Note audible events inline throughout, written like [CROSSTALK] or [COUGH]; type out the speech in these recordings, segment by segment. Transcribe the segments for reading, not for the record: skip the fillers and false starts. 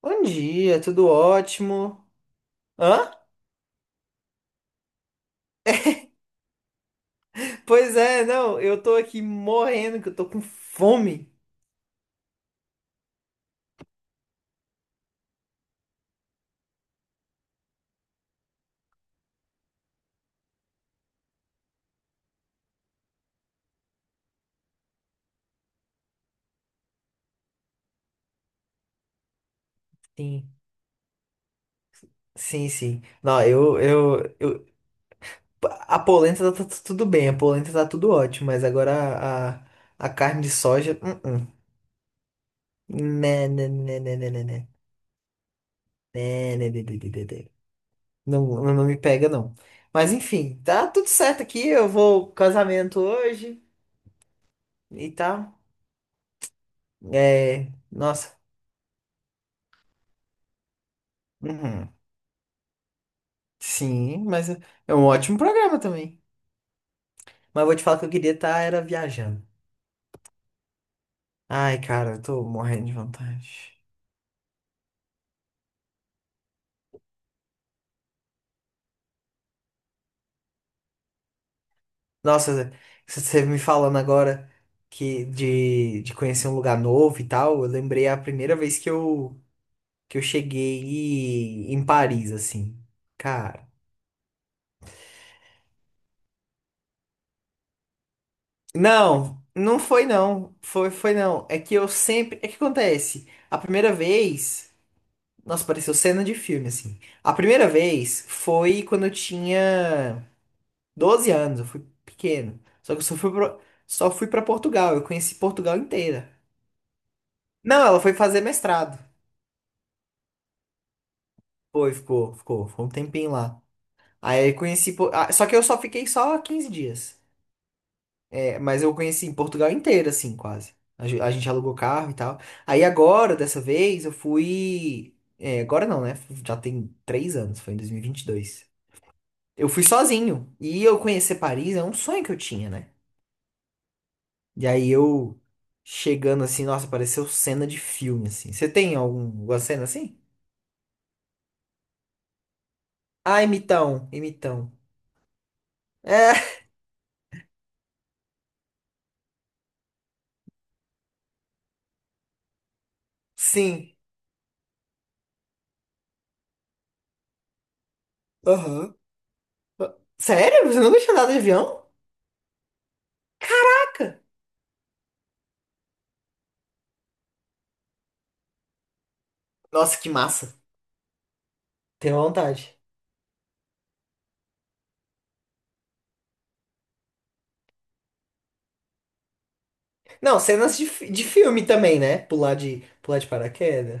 Bom dia, tudo ótimo. Hã? Pois é, não, eu tô aqui morrendo, que eu tô com fome. Sim, sim, sim. Não, eu, a polenta tá tudo bem, a polenta tá tudo ótimo, mas agora a carne de soja, uh-uh. Né, né, né, né, né, né, né. Né, né, né, né, né, né, né. Não, não me pega, não. Mas enfim, tá tudo certo aqui, eu vou ao casamento hoje e tal. É, nossa. Uhum. Sim, mas é um ótimo programa também. Mas eu vou te falar que eu queria estar era viajando. Ai, cara, eu tô morrendo de vontade. Nossa, Zé, se você me falando agora que de conhecer um lugar novo e tal, eu lembrei a primeira vez que eu cheguei em Paris, assim. Cara. Não, não foi não. Foi, foi não. É que eu sempre. É que acontece. A primeira vez. Nossa, pareceu cena de filme, assim. A primeira vez foi quando eu tinha 12 anos, eu fui pequeno. Só que eu só só fui pra Portugal, eu conheci Portugal inteira. Não, ela foi fazer mestrado. Foi, ficou, foi um tempinho lá. Aí eu conheci, só que eu só fiquei só 15 dias. É, mas eu conheci Portugal inteira, assim, quase. A gente alugou carro e tal. Aí agora, dessa vez, eu fui, é, agora não, né? Já tem 3 anos, foi em 2022. Eu fui sozinho. E eu conhecer Paris é um sonho que eu tinha, né? E aí eu chegando assim, nossa, pareceu cena de filme, assim. Você tem alguma cena assim? Ah, imitão, imitão. É, [LAUGHS] sim. Aham. Ah, sério? Você nunca tinha andado de avião? Caraca! Nossa, que massa. Tenho vontade. Não, cenas de filme também, né? Pular de paraquedas.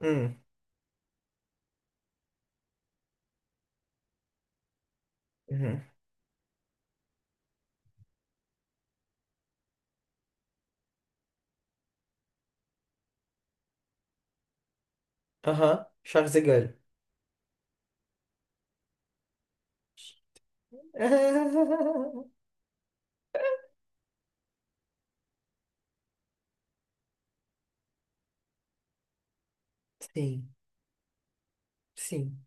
Hum. Uhum. Aham. Charles de Gaulle. [LAUGHS] Sim, sim,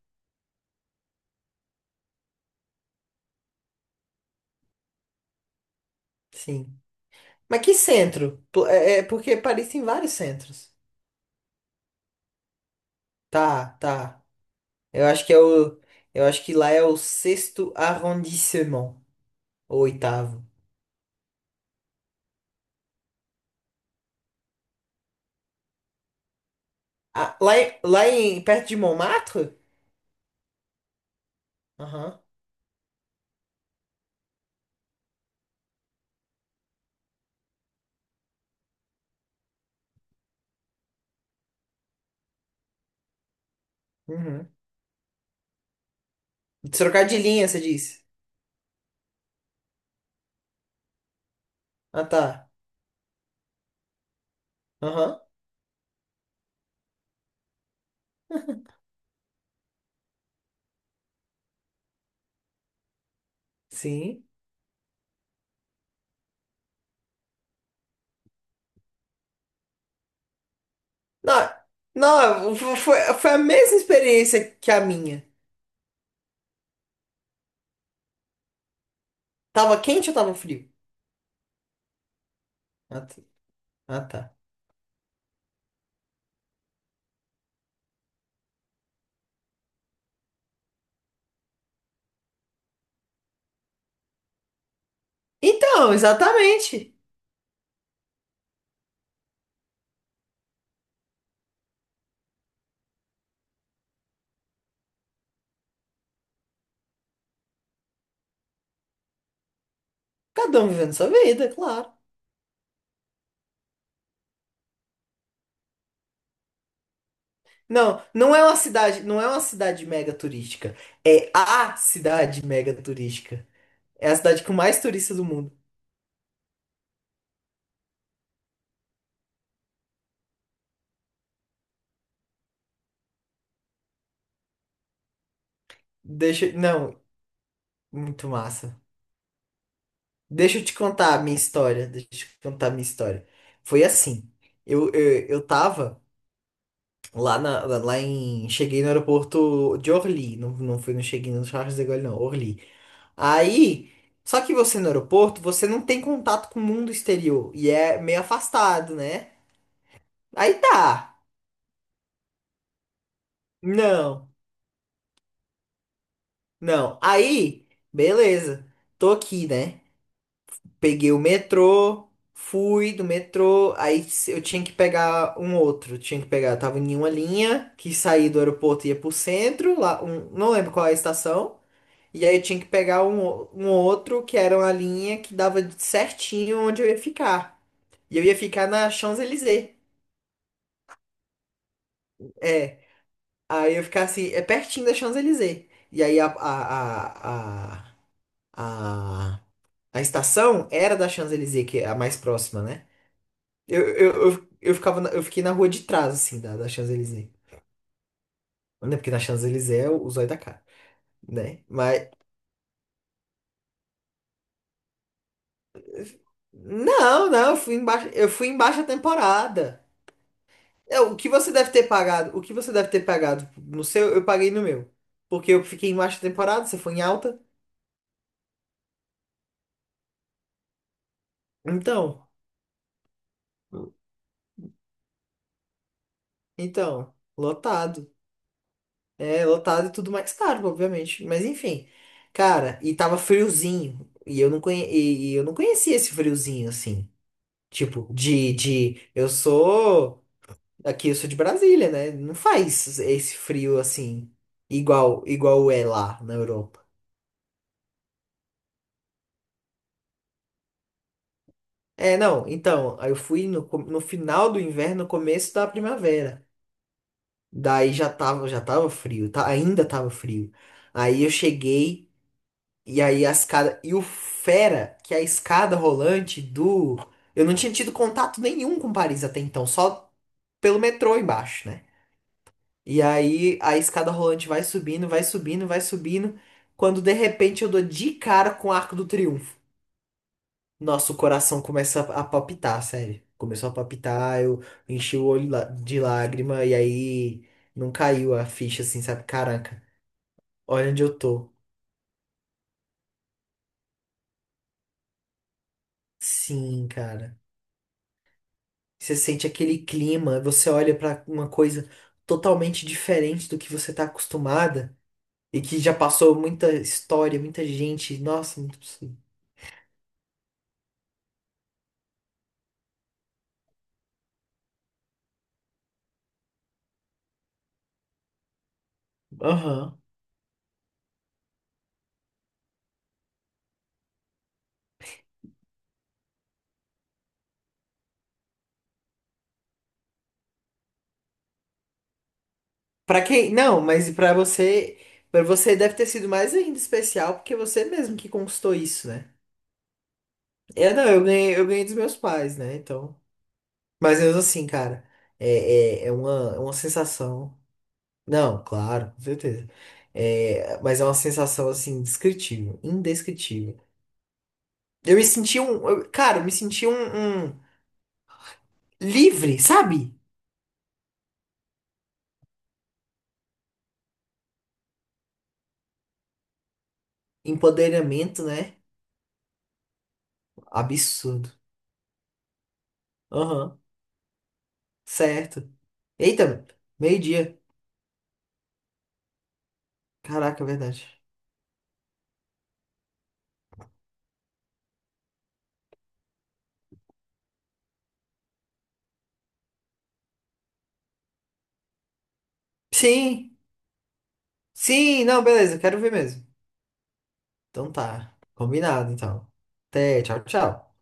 sim. Mas que centro? É porque Paris tem vários centros. Tá, tá. Eu acho que é o. Eu acho que lá é o sexto arrondissement. Ou oitavo. Ah, lá em, perto de Montmartre? Aham. Uhum. Trocadilhinha, você disse. Ah, tá. Aham. Sim. Não, não, foi a mesma experiência que a minha. Tava quente ou tava frio? Ah, tá. Ah, tá. Então, exatamente. Cada um vivendo sua vida, é claro. Não, não é uma cidade mega turística. É a cidade mega turística. É a cidade com mais turistas do mundo. Deixa, não, muito massa. Deixa eu te contar a minha história. Deixa eu te contar a minha história. Foi assim. Eu tava lá na, lá em, cheguei no aeroporto de Orly. Não, não fui, não cheguei no Charles de Gaulle, não, Orly. Aí, só que você no aeroporto, você não tem contato com o mundo exterior e é meio afastado, né? Aí tá. Não, não. Aí, beleza. Tô aqui, né? Peguei o metrô, fui do metrô, aí se- eu tinha que pegar um outro. Tinha que pegar, tava em uma linha que saía do aeroporto e ia pro centro, lá, não lembro qual é a estação. E aí eu tinha que pegar um outro que era uma linha que dava certinho onde eu ia ficar. E eu ia ficar na Champs-Élysées. É. Aí eu ia ficar assim, é pertinho da Champs-Élysées. E aí a, a A estação era da Champs-Élysées, que é a mais próxima, né? Eu fiquei na rua de trás, assim, da Champs-Élysées. Né? Porque na Champs-Élysées é o zóio da cara, né? Mas, não, não, eu fui em baixa temporada. É, o que você deve ter pagado, o que você deve ter pagado no seu, eu paguei no meu. Porque eu fiquei em baixa temporada, você foi em alta. Então, então, lotado. É, lotado e tudo mais caro, obviamente. Mas enfim. Cara, e tava friozinho. E eu não conhecia esse friozinho, assim. Tipo, Aqui eu sou de Brasília, né? Não faz esse frio, assim, igual é lá na Europa. É, não. Então, aí eu fui no final do inverno, no começo da primavera. Daí já tava frio, tá? Ainda tava frio. Aí eu cheguei. E aí a escada. E o Fera, que é a escada rolante do. Eu não tinha tido contato nenhum com Paris até então, só pelo metrô embaixo, né? E aí a escada rolante vai subindo, vai subindo, vai subindo. Quando de repente eu dou de cara com o Arco do Triunfo. Nossa, o coração começa a palpitar, sério. Começou a palpitar, eu enchi o olho de lágrima e aí não caiu a ficha assim, sabe? Caraca, olha onde eu tô. Sim, cara. Você sente aquele clima, você olha para uma coisa totalmente diferente do que você está acostumada e que já passou muita história, muita gente. Nossa, muito absurdo. Aham. Para quem? Não, mas para você deve ter sido mais ainda especial porque você mesmo que conquistou isso, né? É, não, eu ganhei dos meus pais, né? Então, mas mesmo assim, cara, é uma sensação. Não, claro, com certeza. É, mas é uma sensação assim, descritível, indescritível. Eu me senti um, cara, eu me senti um, livre, sabe? Empoderamento, né? Absurdo. Aham, certo. Eita, meio-dia. Caraca, é verdade. Sim, sim, não, beleza, quero ver mesmo. Então tá, combinado então. Até, tchau, tchau.